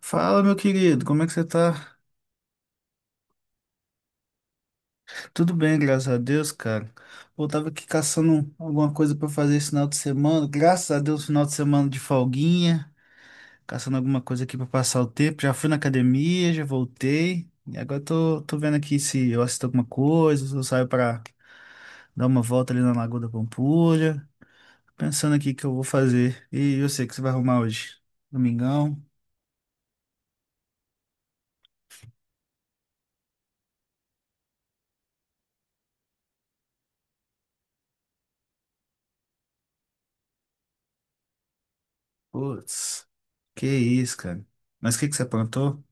Fala, meu querido, como é que você tá? Tudo bem, graças a Deus, cara. Eu tava aqui caçando alguma coisa pra fazer esse final de semana. Graças a Deus, final de semana de folguinha, caçando alguma coisa aqui pra passar o tempo. Já fui na academia, já voltei. E agora tô vendo aqui se eu assisto alguma coisa, se eu saio pra dar uma volta ali na Lagoa da Pampulha. Pensando aqui o que eu vou fazer. E eu sei que você vai arrumar hoje. Domingão? Putz, que isso, cara. Mas o que que você aprontou?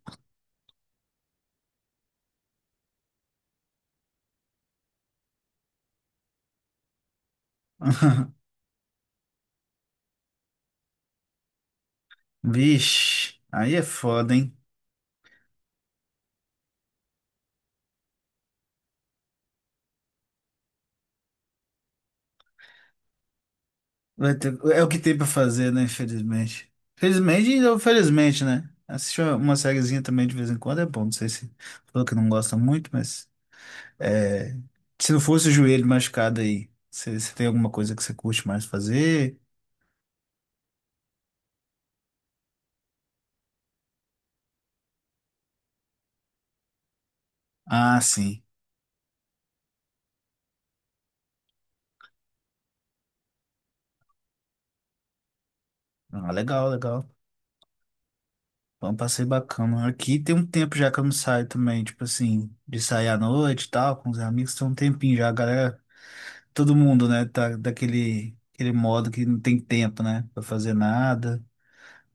Vixe, aí é foda, hein? É o que tem pra fazer, né? Infelizmente. Felizmente ou felizmente, né? Assistir uma sériezinha também de vez em quando é bom. Não sei se falou que não gosta muito, mas é, se não fosse o joelho machucado aí, você tem alguma coisa que você curte mais fazer? Ah, sim. Ah, legal, legal. Foi um passeio bacana. Aqui tem um tempo já que eu não saio também, tipo assim, de sair à noite e tal, com os amigos. Tem um tempinho já, a galera. Todo mundo, né, tá daquele aquele modo que não tem tempo, né, para fazer nada.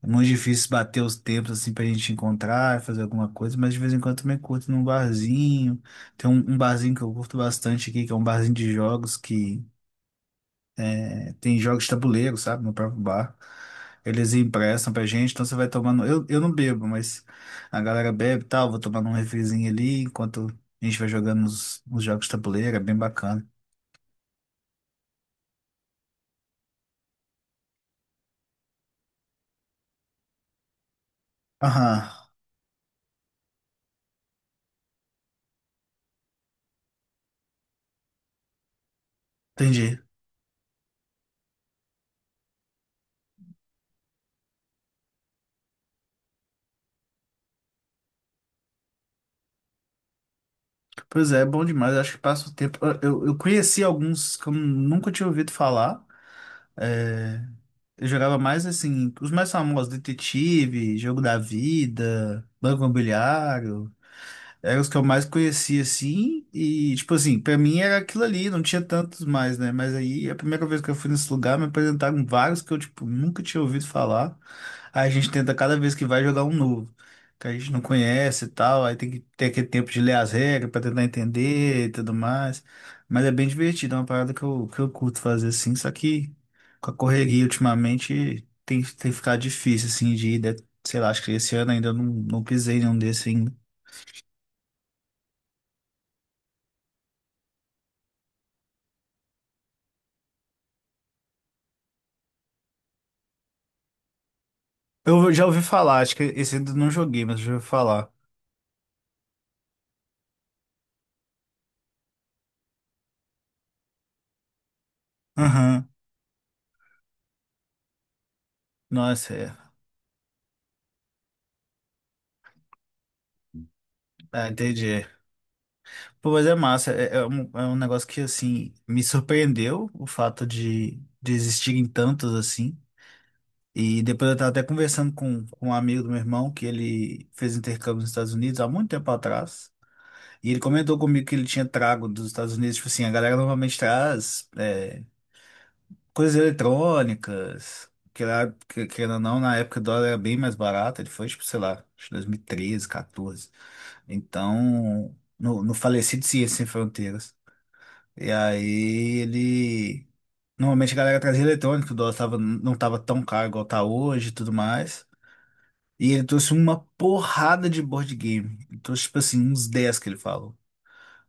É muito difícil bater os tempos assim pra gente encontrar, fazer alguma coisa, mas de vez em quando também curto num barzinho. Tem um barzinho que eu curto bastante aqui, que é um barzinho de jogos que é, tem jogos de tabuleiro, sabe, no próprio bar. Eles emprestam pra gente, então você vai tomando. Eu não bebo, mas a galera bebe e tal, vou tomando um refrizinho ali enquanto a gente vai jogando os jogos de tabuleiro, é bem bacana. Aham, entendi. Pois é, é bom demais, acho que passa o tempo. Eu, eu conheci alguns que eu nunca tinha ouvido falar. É, eu jogava mais assim, os mais famosos, Detetive, Jogo da Vida, Banco Imobiliário. Eram os que eu mais conhecia, assim, e, tipo assim, pra mim era aquilo ali, não tinha tantos mais, né? Mas aí, a primeira vez que eu fui nesse lugar, me apresentaram vários que eu, tipo, nunca tinha ouvido falar. Aí a gente tenta cada vez que vai jogar um novo, que a gente não conhece e tal, aí tem que ter aquele tempo de ler as regras pra tentar entender e tudo mais. Mas é bem divertido, é uma parada que eu curto fazer, assim, só que com a correria ultimamente tem, tem ficado difícil, assim, de ir, né? Sei lá, acho que esse ano ainda eu não, não pisei em nenhum desses ainda. Eu já ouvi falar, acho que esse ainda não joguei, mas já ouvi falar. Aham. Nossa, é. Ah, entendi. Pô, mas é massa. É, é um negócio que, assim, me surpreendeu o fato de existirem tantos, assim. E depois eu tava até conversando com um amigo do meu irmão, que ele fez intercâmbio nos Estados Unidos há muito tempo atrás. E ele comentou comigo que ele tinha trago dos Estados Unidos, tipo assim, a galera normalmente traz. É, coisas eletrônicas, que lá, querendo ou não, na época o dólar era bem mais barato, ele foi, tipo, sei lá, acho que 2013, 14. Então, no, no falecido Ciência Sem Fronteiras. E aí ele. Normalmente a galera trazia eletrônico, o dólar tava, não tava tão caro igual tá hoje e tudo mais. E ele trouxe uma porrada de board game. Ele trouxe, tipo assim, uns 10 que ele fala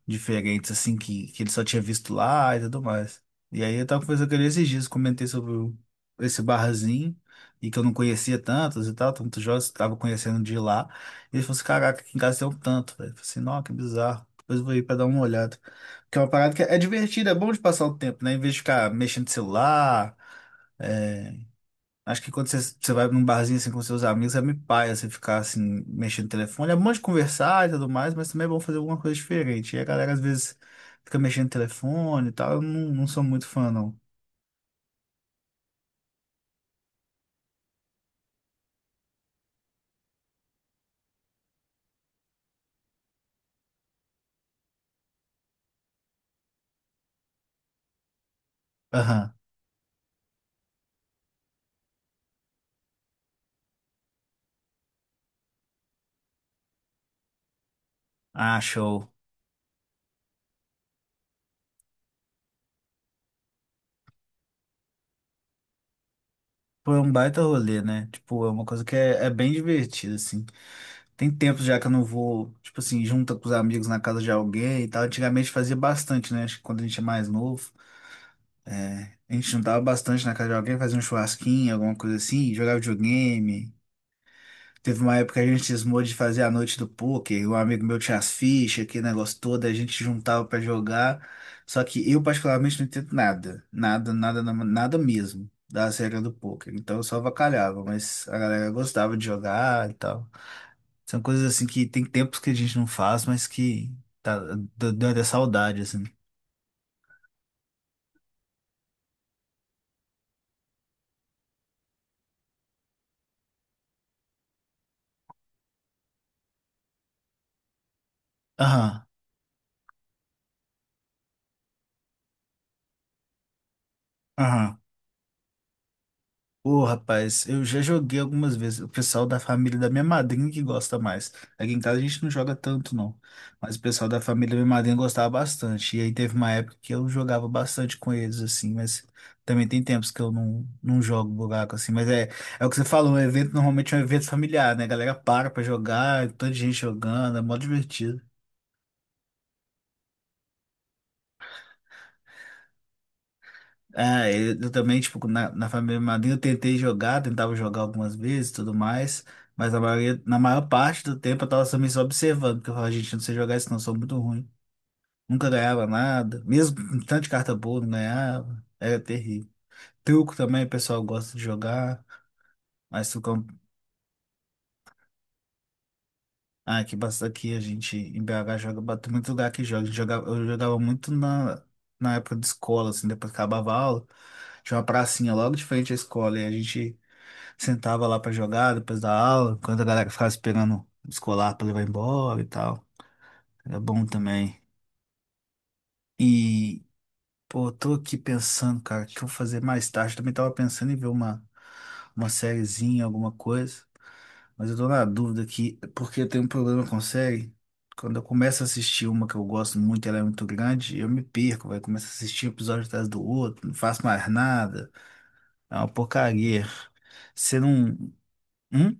diferentes, assim, que ele só tinha visto lá e tudo mais. E aí eu tava conversando com ele esses dias, comentei esse barzinho, e que eu não conhecia tantos e tal, tantos jogos, tava conhecendo de lá. E ele falou assim, caraca, aqui em casa tem um tanto, velho. Eu falei assim, nossa, que bizarro. Depois eu vou ir pra dar uma olhada. Que é uma parada que é divertida, é bom de passar o tempo, né? Em vez de ficar mexendo no celular, é, acho que quando você vai num barzinho assim com seus amigos, é meio paia você ficar assim, mexendo no telefone. É bom de conversar e tudo mais, mas também é bom fazer alguma coisa diferente. E a galera às vezes fica mexendo no telefone e tal. Eu não, não sou muito fã, não. Aham. Ah, show. Pô, é um baita rolê, né? Tipo, é uma coisa que é, é bem divertida, assim. Tem tempo já que eu não vou, tipo assim, junta com os amigos na casa de alguém e tal. Antigamente fazia bastante, né? Acho que quando a gente é mais novo. A gente juntava bastante na casa de alguém, fazia um churrasquinho, alguma coisa assim, jogava videogame. Teve uma época que a gente cismou de fazer a noite do poker, um amigo meu tinha as fichas, aquele negócio todo, a gente juntava pra jogar. Só que eu particularmente não entendo nada, nada, nada, nada mesmo das regras do poker. Então eu só avacalhava, mas a galera gostava de jogar e tal. São coisas assim que tem tempos que a gente não faz, mas que tá, deu até saudade assim. Aham, aham. Ô, rapaz, eu já joguei algumas vezes. O pessoal da família da minha madrinha que gosta mais. Aqui em casa a gente não joga tanto, não. Mas o pessoal da família da minha madrinha gostava bastante. E aí teve uma época que eu jogava bastante com eles, assim. Mas também tem tempos que eu não, não jogo buraco, assim. Mas é, é o que você falou, um evento normalmente é um evento familiar, né? A galera para pra jogar, toda gente jogando, é mó divertido. É eu também, tipo, na, na família Madrinha eu tentei jogar, tentava jogar algumas vezes e tudo mais, mas na maioria, na maior parte do tempo eu tava também só observando, porque eu falava, gente, eu não sei jogar isso não, eu sou muito ruim. Nunca ganhava nada, mesmo com tanto de carta boa, não ganhava, era terrível. Truco também, o pessoal gosta de jogar, mas ah, aqui, aqui a gente, em BH, joga, bate muito lugar que joga, a gente jogava, eu jogava muito na, na época de escola, assim, depois que acabava a aula, tinha uma pracinha logo de frente à escola, e a gente sentava lá pra jogar depois da aula, enquanto a galera ficava esperando o escolar pra levar embora e tal. Era bom também. E, pô, eu tô aqui pensando, cara, o que eu vou fazer mais tarde. Também tava pensando em ver uma sériezinha, alguma coisa. Mas eu tô na dúvida aqui, porque eu tenho um problema com série. Quando eu começo a assistir uma que eu gosto muito, ela é muito grande, eu me perco, vai. Começo a assistir um episódio atrás do outro, não faço mais nada. É uma porcaria. Você não. Hum?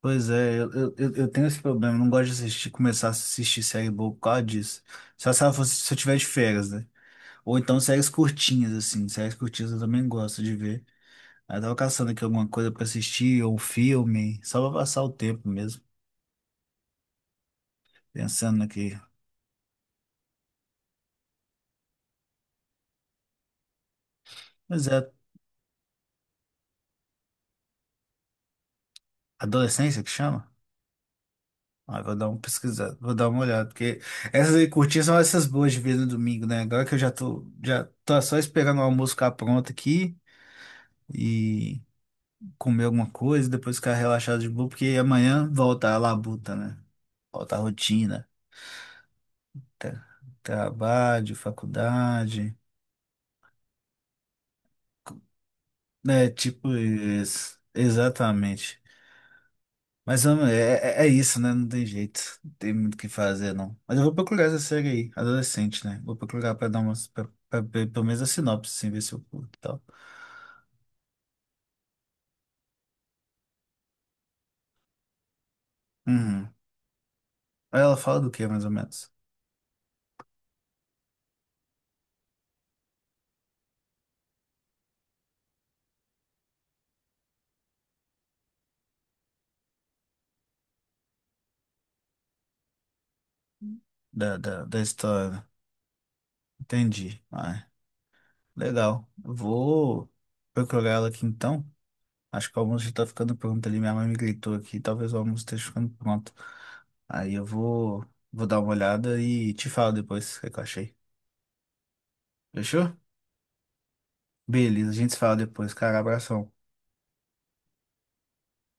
Pois é, eu, eu tenho esse problema, eu não gosto de assistir, começar a assistir série boa por causa disso. Só se ela fosse, se eu tiver de férias, né? Ou então séries curtinhas, assim, séries curtinhas eu também gosto de ver. Aí eu tava caçando aqui alguma coisa pra assistir, ou um filme, só pra passar o tempo mesmo, pensando aqui. Pois é, adolescência que chama? Ah, vou dar uma pesquisada, vou dar uma olhada, porque essas aí curtinhas são essas boas de ver no domingo, né? Agora que eu já tô só esperando o almoço ficar pronto aqui e. Comer alguma coisa, depois ficar relaxado de boa, porque amanhã volta a labuta, né? Volta a rotina. Tra- Trabalho, faculdade. É, tipo isso. Exatamente. Mas homem, é, é isso, né? Não tem jeito. Não tem muito o que fazer, não. Mas eu vou procurar essa série aí, adolescente, né? Vou procurar pra dar umas. Pra ver pelo menos a sinopse, assim, ver se eu curto e tal. Uhum. Ela fala do que, mais ou menos? Da, da, da história. Entendi. Ah, legal. Eu vou procurar ela aqui então. Acho que o almoço já tá ficando pronto ali. Minha mãe me gritou aqui. Talvez o almoço esteja ficando pronto. Aí eu vou, vou dar uma olhada e te falo depois o que é que eu achei. Fechou? Beleza, a gente se fala depois, cara. Abração.